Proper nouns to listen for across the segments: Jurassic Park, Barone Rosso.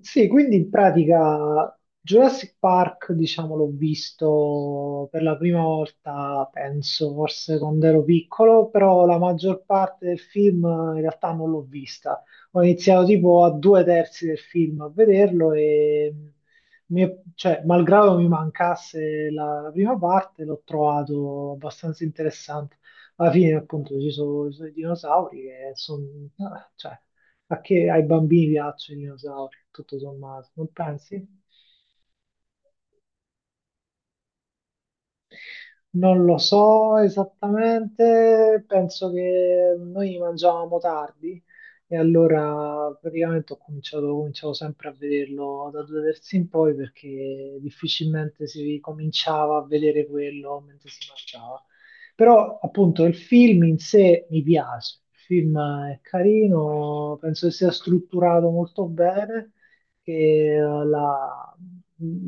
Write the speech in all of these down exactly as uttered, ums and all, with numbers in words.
Sì, quindi in pratica Jurassic Park, diciamo, l'ho visto per la prima volta, penso, forse quando ero piccolo, però la maggior parte del film eh, in realtà non l'ho vista. Ho iniziato tipo a due terzi del film a vederlo e, mi- cioè, malgrado mi mancasse la, la prima parte, l'ho trovato abbastanza interessante. Alla fine, appunto, ci sono, ci sono i dinosauri che sono, cioè, a che ai bambini piacciono i dinosauri, tutto sommato, non pensi? Non lo so esattamente, penso che noi mangiavamo tardi e allora praticamente ho cominciato, cominciavo sempre a vederlo da due terzi in poi perché difficilmente si cominciava a vedere quello mentre si mangiava. Però appunto il film in sé mi piace, il film è carino, penso che sia strutturato molto bene, che eh, la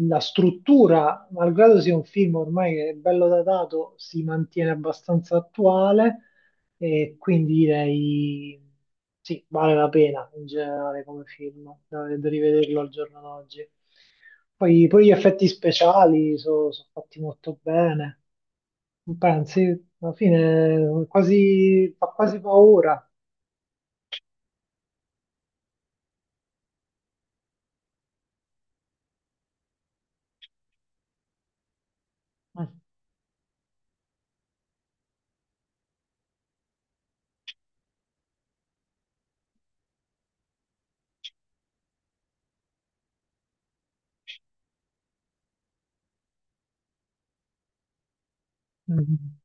la struttura, malgrado sia un film ormai che è bello datato, si mantiene abbastanza attuale, e quindi direi sì, vale la pena in generale come film, da, da rivederlo al giorno d'oggi. Poi, poi gli effetti speciali sono fatti molto bene, non pensi? Alla fine quasi, fa quasi paura. Mm. Mm.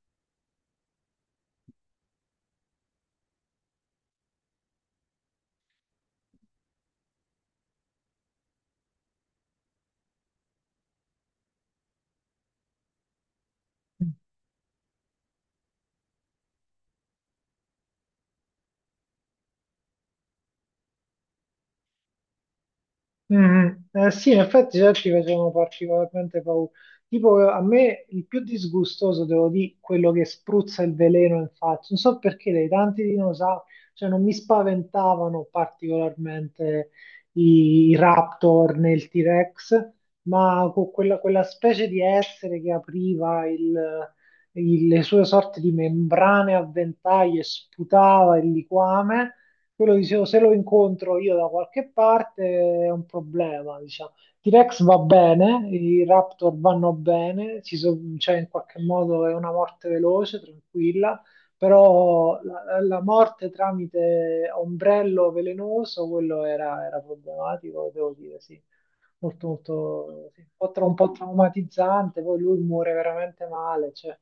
Mm, eh, sì, in effetti già ci facevano particolarmente paura. Tipo, a me il più disgustoso, devo dire, quello che spruzza il veleno in faccia. Non so perché dei tanti dinosauri, cioè non mi spaventavano particolarmente i, i Raptor né il T-Rex, ma con quella, quella specie di essere che apriva il- il- le sue sorte di membrane a ventaglio e sputava il liquame. Quello dicevo, se lo incontro io da qualche parte è un problema, diciamo. T-Rex va bene, i Raptor vanno bene, ci so- cioè in qualche modo è una morte veloce, tranquilla, però la, la morte tramite ombrello velenoso, quello era, era problematico, devo dire, sì. Molto, molto, sì. Un po' tra- un po' traumatizzante, poi lui muore veramente male, cioè,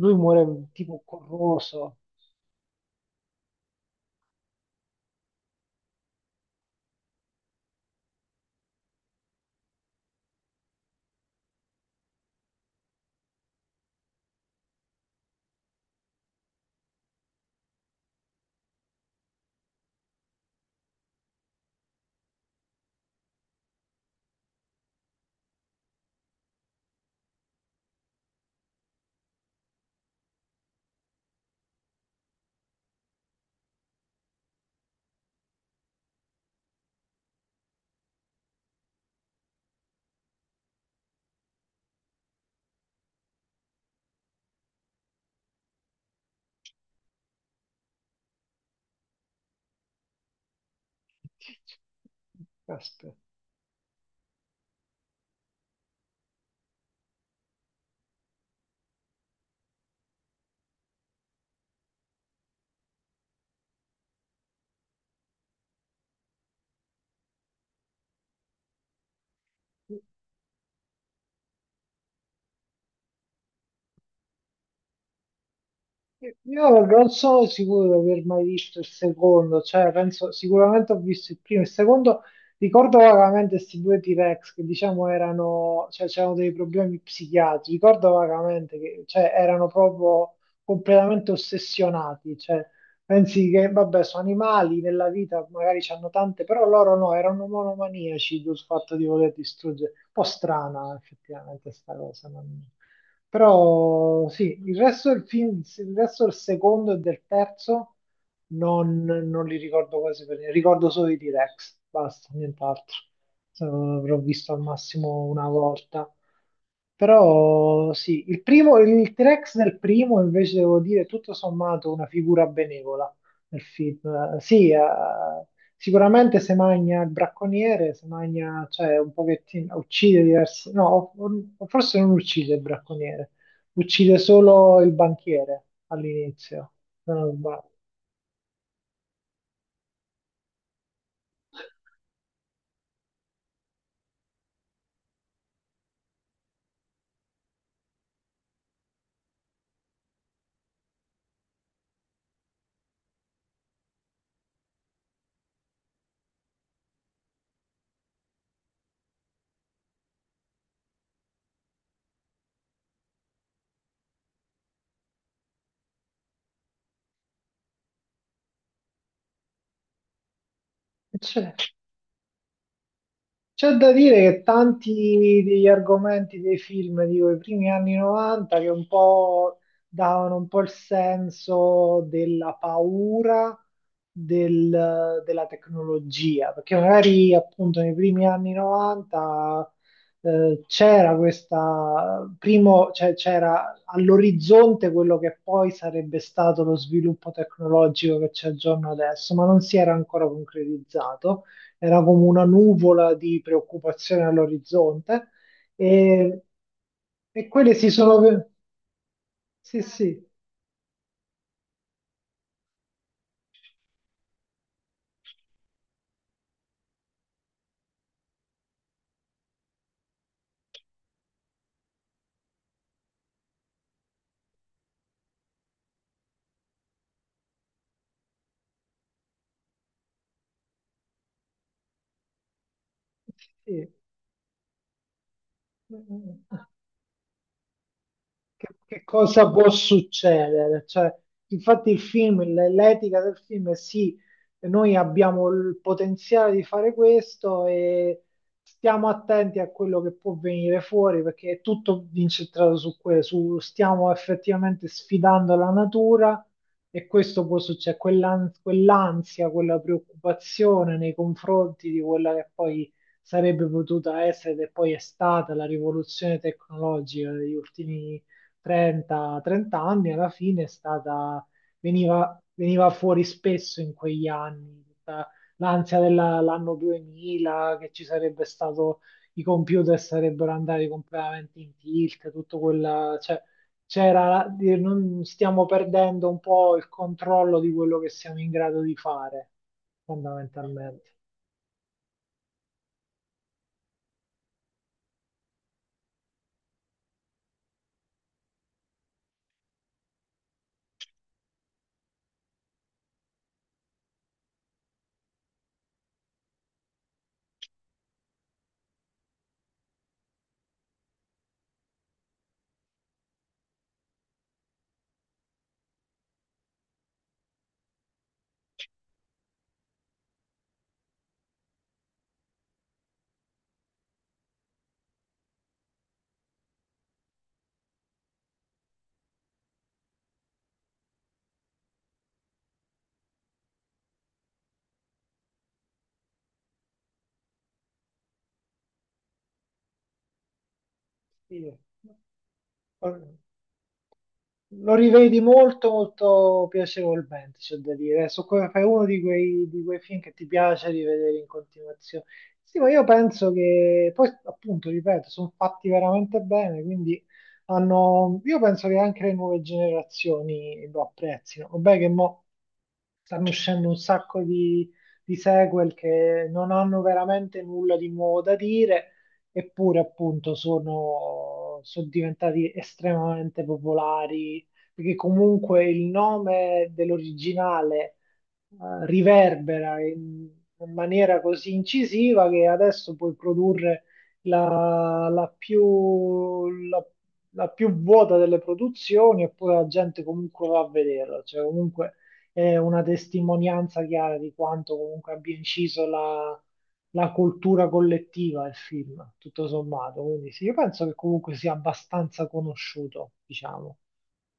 lui muore tipo corroso. Caspita. Io non sono sicuro di aver mai visto il secondo, cioè penso sicuramente ho visto il primo, il secondo ricordo vagamente questi due T-Rex che diciamo erano, cioè c'erano dei problemi psichiatrici, ricordo vagamente che cioè, erano proprio completamente ossessionati, cioè pensi che vabbè sono animali nella vita, magari hanno tante, però loro no, erano monomaniaci sul fatto di voler distruggere, un po' strana effettivamente sta cosa. non- Però sì, il resto del film, il resto del secondo e del terzo non, non li ricordo quasi per niente. Ricordo solo i T-Rex, basta, nient'altro. Eh, L'avrò visto al massimo una volta. Però sì, il primo, il T-Rex del primo invece devo dire tutto sommato una figura benevola nel film. Sì, eh, sicuramente se magna il bracconiere, se magna, cioè un pochettino, uccide diversi, no, o- o forse non uccide il bracconiere, uccide solo il banchiere all'inizio, se non sbaglio. Cioè, c'è da dire che tanti degli argomenti dei film di quei primi anni novanta che un po' davano un po' il senso della paura del- della tecnologia, perché magari appunto nei primi anni novanta eh, c'era questa, primo, cioè, c'era all'orizzonte quello che poi sarebbe stato lo sviluppo tecnologico che c'è al giorno adesso, ma non si era ancora concretizzato, era come una nuvola di preoccupazione all'orizzonte e, e quelle si sono... Sì, sì, sì. che, che cosa può succedere? Cioè, infatti il film, l- l'etica del film è sì, noi abbiamo il potenziale di fare questo e stiamo attenti a quello che può venire fuori perché è tutto incentrato su quello, su stiamo effettivamente sfidando la natura e questo può succedere, quell'an- quell'ansia, quella preoccupazione nei confronti di quella che poi sarebbe potuta essere e poi è stata la rivoluzione tecnologica degli ultimi trenta trenta anni, alla fine è stata, veniva, veniva fuori spesso in quegli anni, tutta l'ansia dell'anno duemila, che ci sarebbe stato, i computer sarebbero andati completamente in tilt, tutto quella, cioè, c'era, dire, non stiamo perdendo un po' il controllo di quello che siamo in grado di fare, fondamentalmente. Sì. Lo rivedi molto, molto piacevolmente, c'è da dire. Adesso que- è uno di quei, di quei film che ti piace rivedere in continuazione. Sì, ma io penso che poi, appunto, ripeto, sono fatti veramente bene, quindi hanno... io penso che anche le nuove generazioni lo apprezzino. Vabbè che mo stanno uscendo un sacco di, di sequel che non hanno veramente nulla di nuovo da dire, eppure appunto sono, sono diventati estremamente popolari, perché comunque il nome dell'originale eh, riverbera in, in maniera così incisiva che adesso puoi produrre la, la più, la, la più vuota delle produzioni eppure la gente comunque va a vederla, cioè comunque è una testimonianza chiara di quanto comunque abbia inciso la, la cultura collettiva il film, tutto sommato. Quindi sì, io penso che comunque sia abbastanza conosciuto, diciamo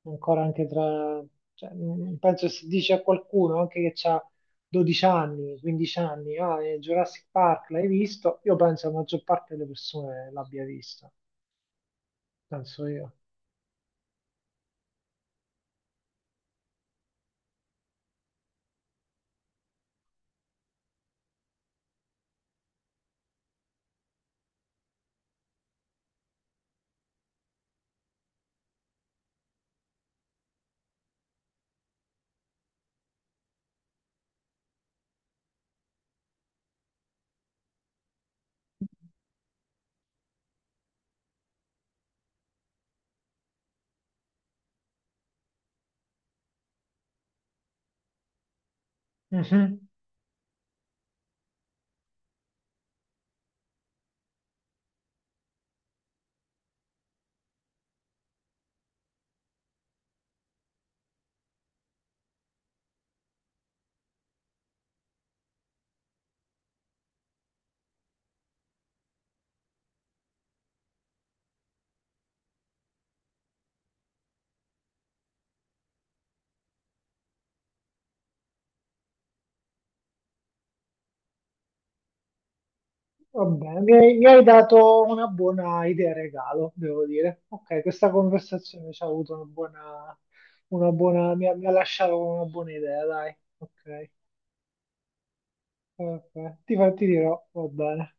ancora anche tra, cioè, mm, penso se dice a qualcuno anche che ha dodici anni, quindici anni, ah, eh, Jurassic Park l'hai visto? Io penso la maggior parte delle persone l'abbia vista, penso io. Mhm. Vabbè, mi hai, mi hai dato una buona idea regalo, devo dire. Ok, questa conversazione ci ha avuto una buona, una buona, mi ha, mi ha lasciato con una buona idea, dai. Ok, ok, ti, fa- ti dirò, va bene.